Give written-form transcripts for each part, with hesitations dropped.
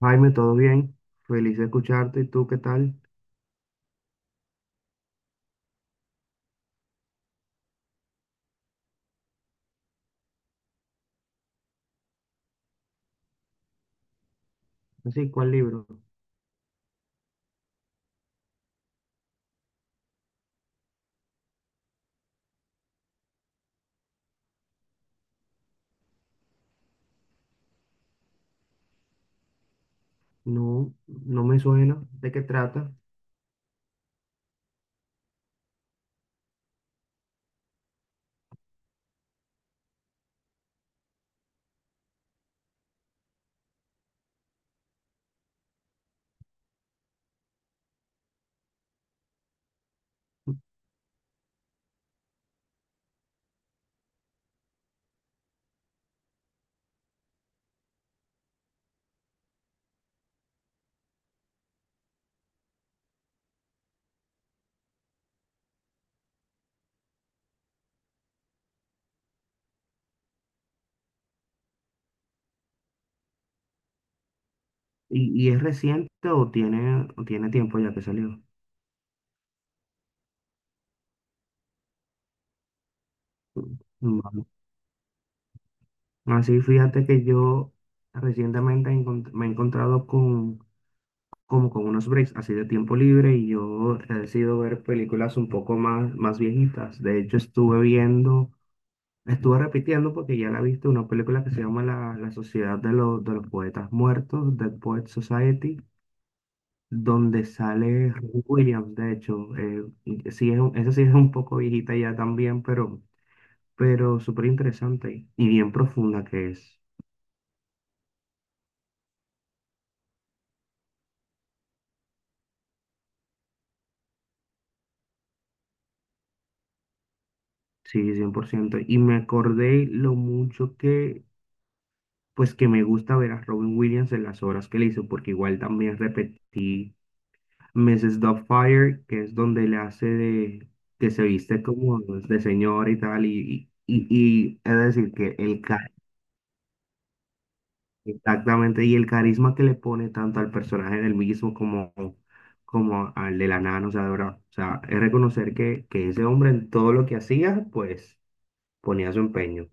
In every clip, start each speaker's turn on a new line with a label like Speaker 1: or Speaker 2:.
Speaker 1: Jaime, ¿todo bien? Feliz de escucharte. ¿Y tú qué tal? Así, ¿cuál libro? No, no me suena. ¿De qué trata? ¿Y, es reciente o tiene tiempo ya que salió? Vale. Así, fíjate que yo recientemente me he encontrado con, como con unos breaks así de tiempo libre y yo he decidido ver películas un poco más, más viejitas. De hecho, estuve viendo. La estuve repitiendo porque ya la viste, una película que se llama La Sociedad de de los Poetas Muertos, Dead Poets Society, donde sale Robin Williams, de hecho. Y sí es, esa sí es un poco viejita ya también, pero súper interesante y bien profunda que es. Sí, cien por ciento. Y me acordé lo mucho que, pues que me gusta ver a Robin Williams en las obras que le hizo, porque igual también repetí Mrs. Doubtfire, que es donde le hace de que se viste como de señor y tal, y es decir, exactamente, y el carisma que le pone tanto al personaje del mismo como, como al de la nana, o sea, de verdad, o sea, es reconocer que ese hombre en todo lo que hacía, pues ponía su empeño.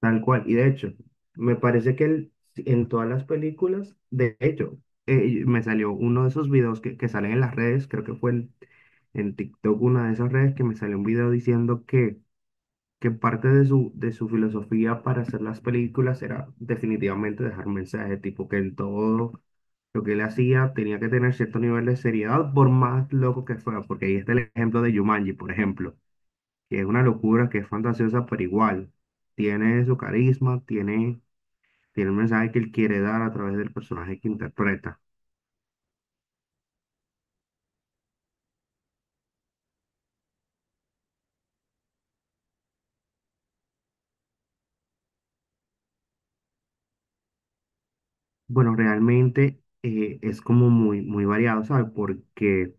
Speaker 1: Tal cual. Y de hecho, me parece que él, en todas las películas, de hecho, me salió uno de esos videos que salen en las redes, creo que fue en TikTok, una de esas redes, que me salió un video diciendo que parte de su filosofía para hacer las películas era definitivamente dejar mensaje, tipo que en todo lo que él hacía tenía que tener cierto nivel de seriedad, por más loco que fuera, porque ahí está el ejemplo de Jumanji, por ejemplo, que es una locura, que es fantasiosa, pero igual tiene su carisma, tiene, tiene el mensaje que él quiere dar a través del personaje que interpreta. Bueno, realmente es como muy, muy variado, ¿sabes? Porque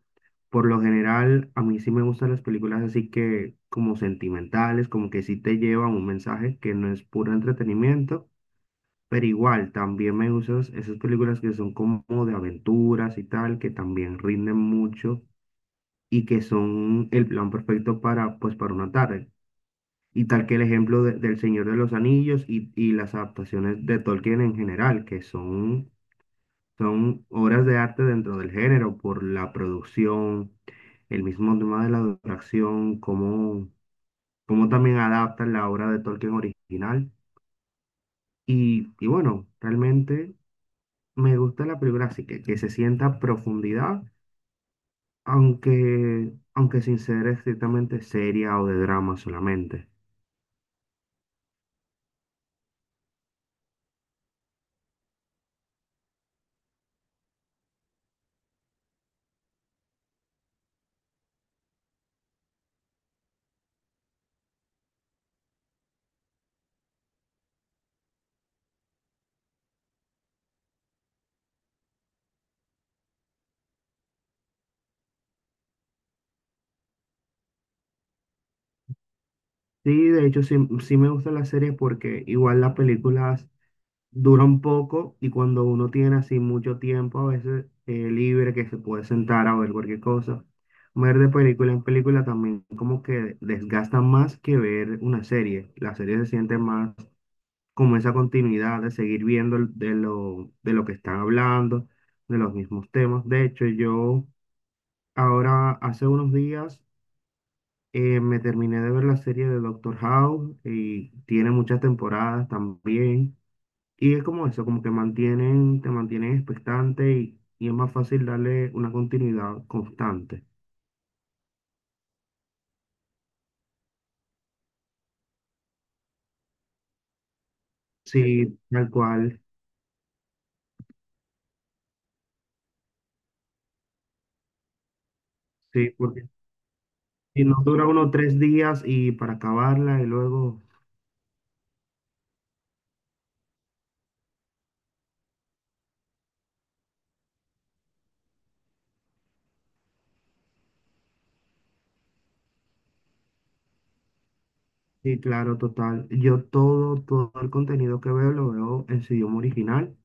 Speaker 1: por lo general a mí sí me gustan las películas así que como sentimentales, como que sí te llevan un mensaje que no es puro entretenimiento. Pero igual, también me gustan esas películas que son como de aventuras y tal, que también rinden mucho y que son el plan perfecto para, pues, para una tarde. Y tal que el ejemplo del Señor de los Anillos y las adaptaciones de Tolkien en general, que son, son obras de arte dentro del género por la producción, el mismo tema de la duración, cómo, cómo también adaptan la obra de Tolkien original. Y bueno, realmente me gusta la película así, que se sienta profundidad, aunque, aunque sin ser estrictamente seria o de drama solamente. Sí, de hecho sí, sí me gusta las series porque igual las películas duran poco y cuando uno tiene así mucho tiempo a veces libre que se puede sentar a ver cualquier cosa, ver de película en película también como que desgasta más que ver una serie. La serie se siente más como esa continuidad de seguir viendo de lo que están hablando, de los mismos temas. De hecho yo ahora hace unos días me terminé de ver la serie de Doctor House y tiene muchas temporadas también. Y es como eso, como que mantienen, te mantienen expectante y es más fácil darle una continuidad constante. Sí, tal cual. Sí, porque si no dura uno tres días y para acabarla y luego, sí, claro, total. Yo todo, todo el contenido que veo lo veo en su idioma original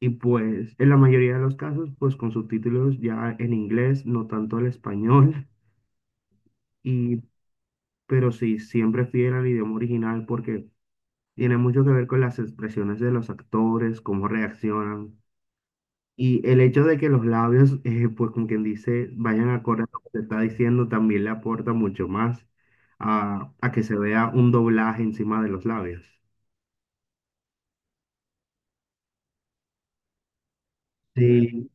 Speaker 1: y pues en la mayoría de los casos pues con subtítulos ya en inglés, no tanto el español. Y pero sí, siempre fiel al idioma original porque tiene mucho que ver con las expresiones de los actores, cómo reaccionan y el hecho de que los labios, pues como quien dice, vayan acorde a lo que se está diciendo, también le aporta mucho más a que se vea un doblaje encima de los labios. Sí,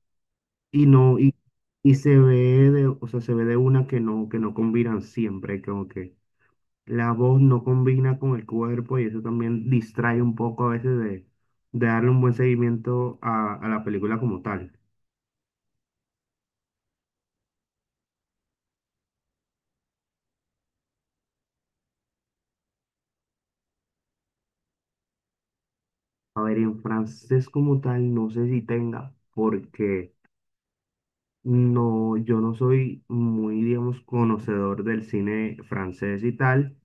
Speaker 1: y no, y se ve de, o sea, se ve de una que no combinan siempre, como que la voz no combina con el cuerpo y eso también distrae un poco a veces de darle un buen seguimiento a la película como tal. A ver, en francés como tal no sé si tenga, porque no, yo no soy muy, digamos, conocedor del cine francés y tal.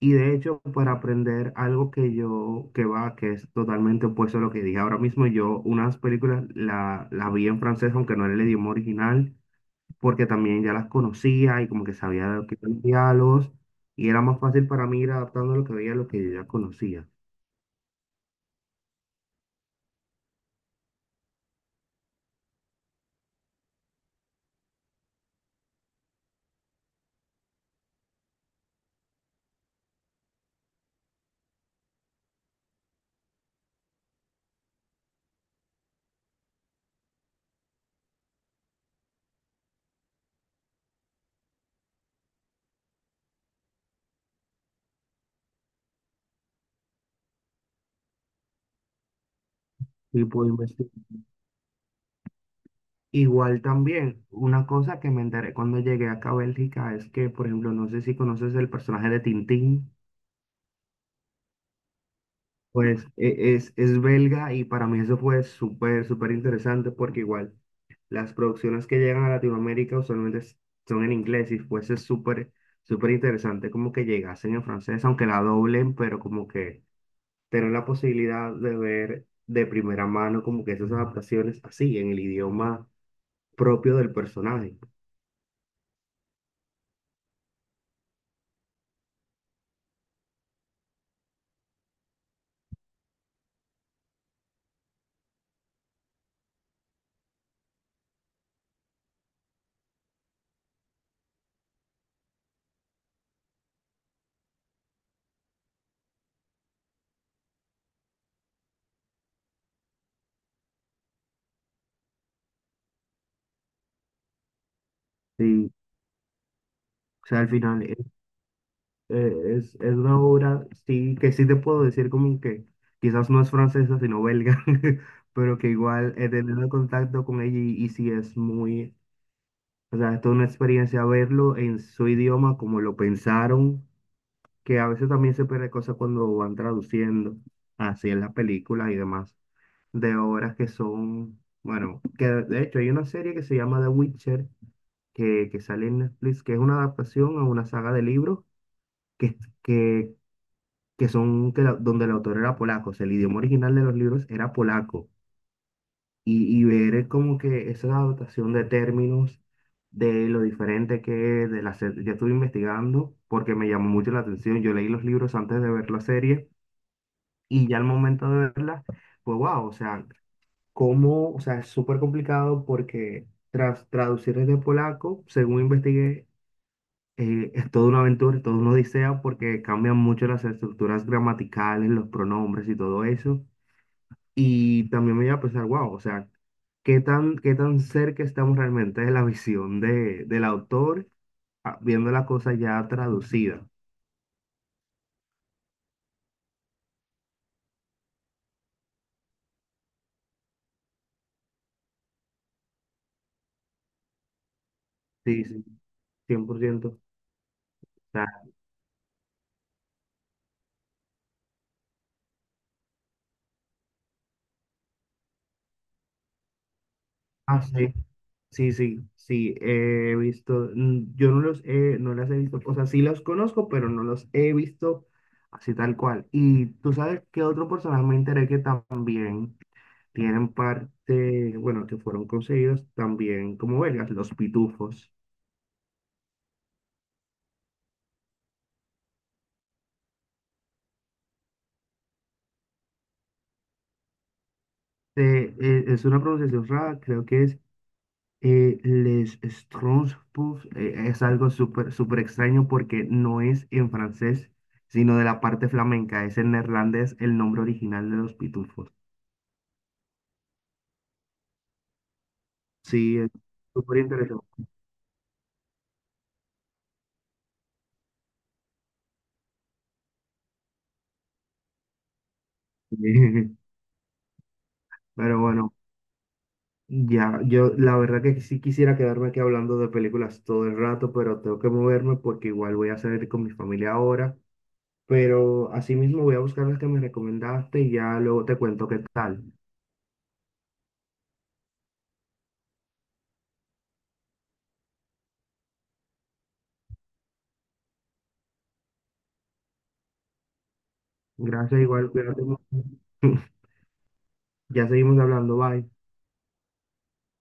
Speaker 1: Y de hecho, para aprender algo que yo, que va, que es totalmente opuesto a lo que dije ahora mismo, yo unas películas las vi en francés, aunque no era el idioma original, porque también ya las conocía y como que sabía de lo que eran los diálogos y era más fácil para mí ir adaptando lo que veía a lo que yo ya conocía y pude investigar. Igual también, una cosa que me enteré cuando llegué acá a Bélgica es que, por ejemplo, no sé si conoces el personaje de Tintín, pues es belga y para mí eso fue súper, súper interesante porque igual las producciones que llegan a Latinoamérica usualmente son en inglés y fuese súper, súper interesante como que llegasen en francés, aunque la doblen, pero como que tener la posibilidad de ver de primera mano como que esas adaptaciones así, en el idioma propio del personaje. Sí, o sea, al final es, es una obra, sí, que sí te puedo decir como que quizás no es francesa, sino belga, pero que igual he tenido contacto con ella y sí es muy, o sea, es toda una experiencia verlo en su idioma, como lo pensaron, que a veces también se pierde cosas cuando van traduciendo así en las películas y demás. De obras que son, bueno, que de hecho hay una serie que se llama The Witcher, que sale en Netflix, que es una adaptación a una saga de libros que, que, que son, donde el autor era polaco, o sea, el idioma original de los libros era polaco, y ver como que esa adaptación de términos, de lo diferente que es, ya estuve investigando, porque me llamó mucho la atención, yo leí los libros antes de ver la serie, y ya al momento de verla, pues wow, o sea... cómo, o sea, es súper complicado porque tras traducir desde polaco, según investigué, es toda una aventura, es toda una odisea porque cambian mucho las estructuras gramaticales, los pronombres y todo eso. Y también me iba a pensar, wow, o sea, ¿ qué tan cerca estamos realmente de la visión de, del autor viendo la cosa ya traducida? Sí, sí, 100%. Ah, sí. Sí, sí, sí, he visto, mm, yo no los he, no las he visto, o sea, sí los conozco, pero no los he visto así tal cual. Y tú sabes que otro personaje me enteré que también tienen parte, bueno, que fueron conseguidos también como belgas, los pitufos. Es una pronunciación rara, creo que es les Schtroumpfs, es algo súper, súper extraño porque no es en francés, sino de la parte flamenca, es en neerlandés el nombre original de los pitufos. Sí, es súper interesante. Pero bueno, ya, yo la verdad que sí quisiera quedarme aquí hablando de películas todo el rato, pero tengo que moverme porque igual voy a salir con mi familia ahora. Pero asimismo voy a buscar las que me recomendaste y ya luego te cuento qué tal. Gracias, igual, cuídate mucho. Ya seguimos hablando, bye.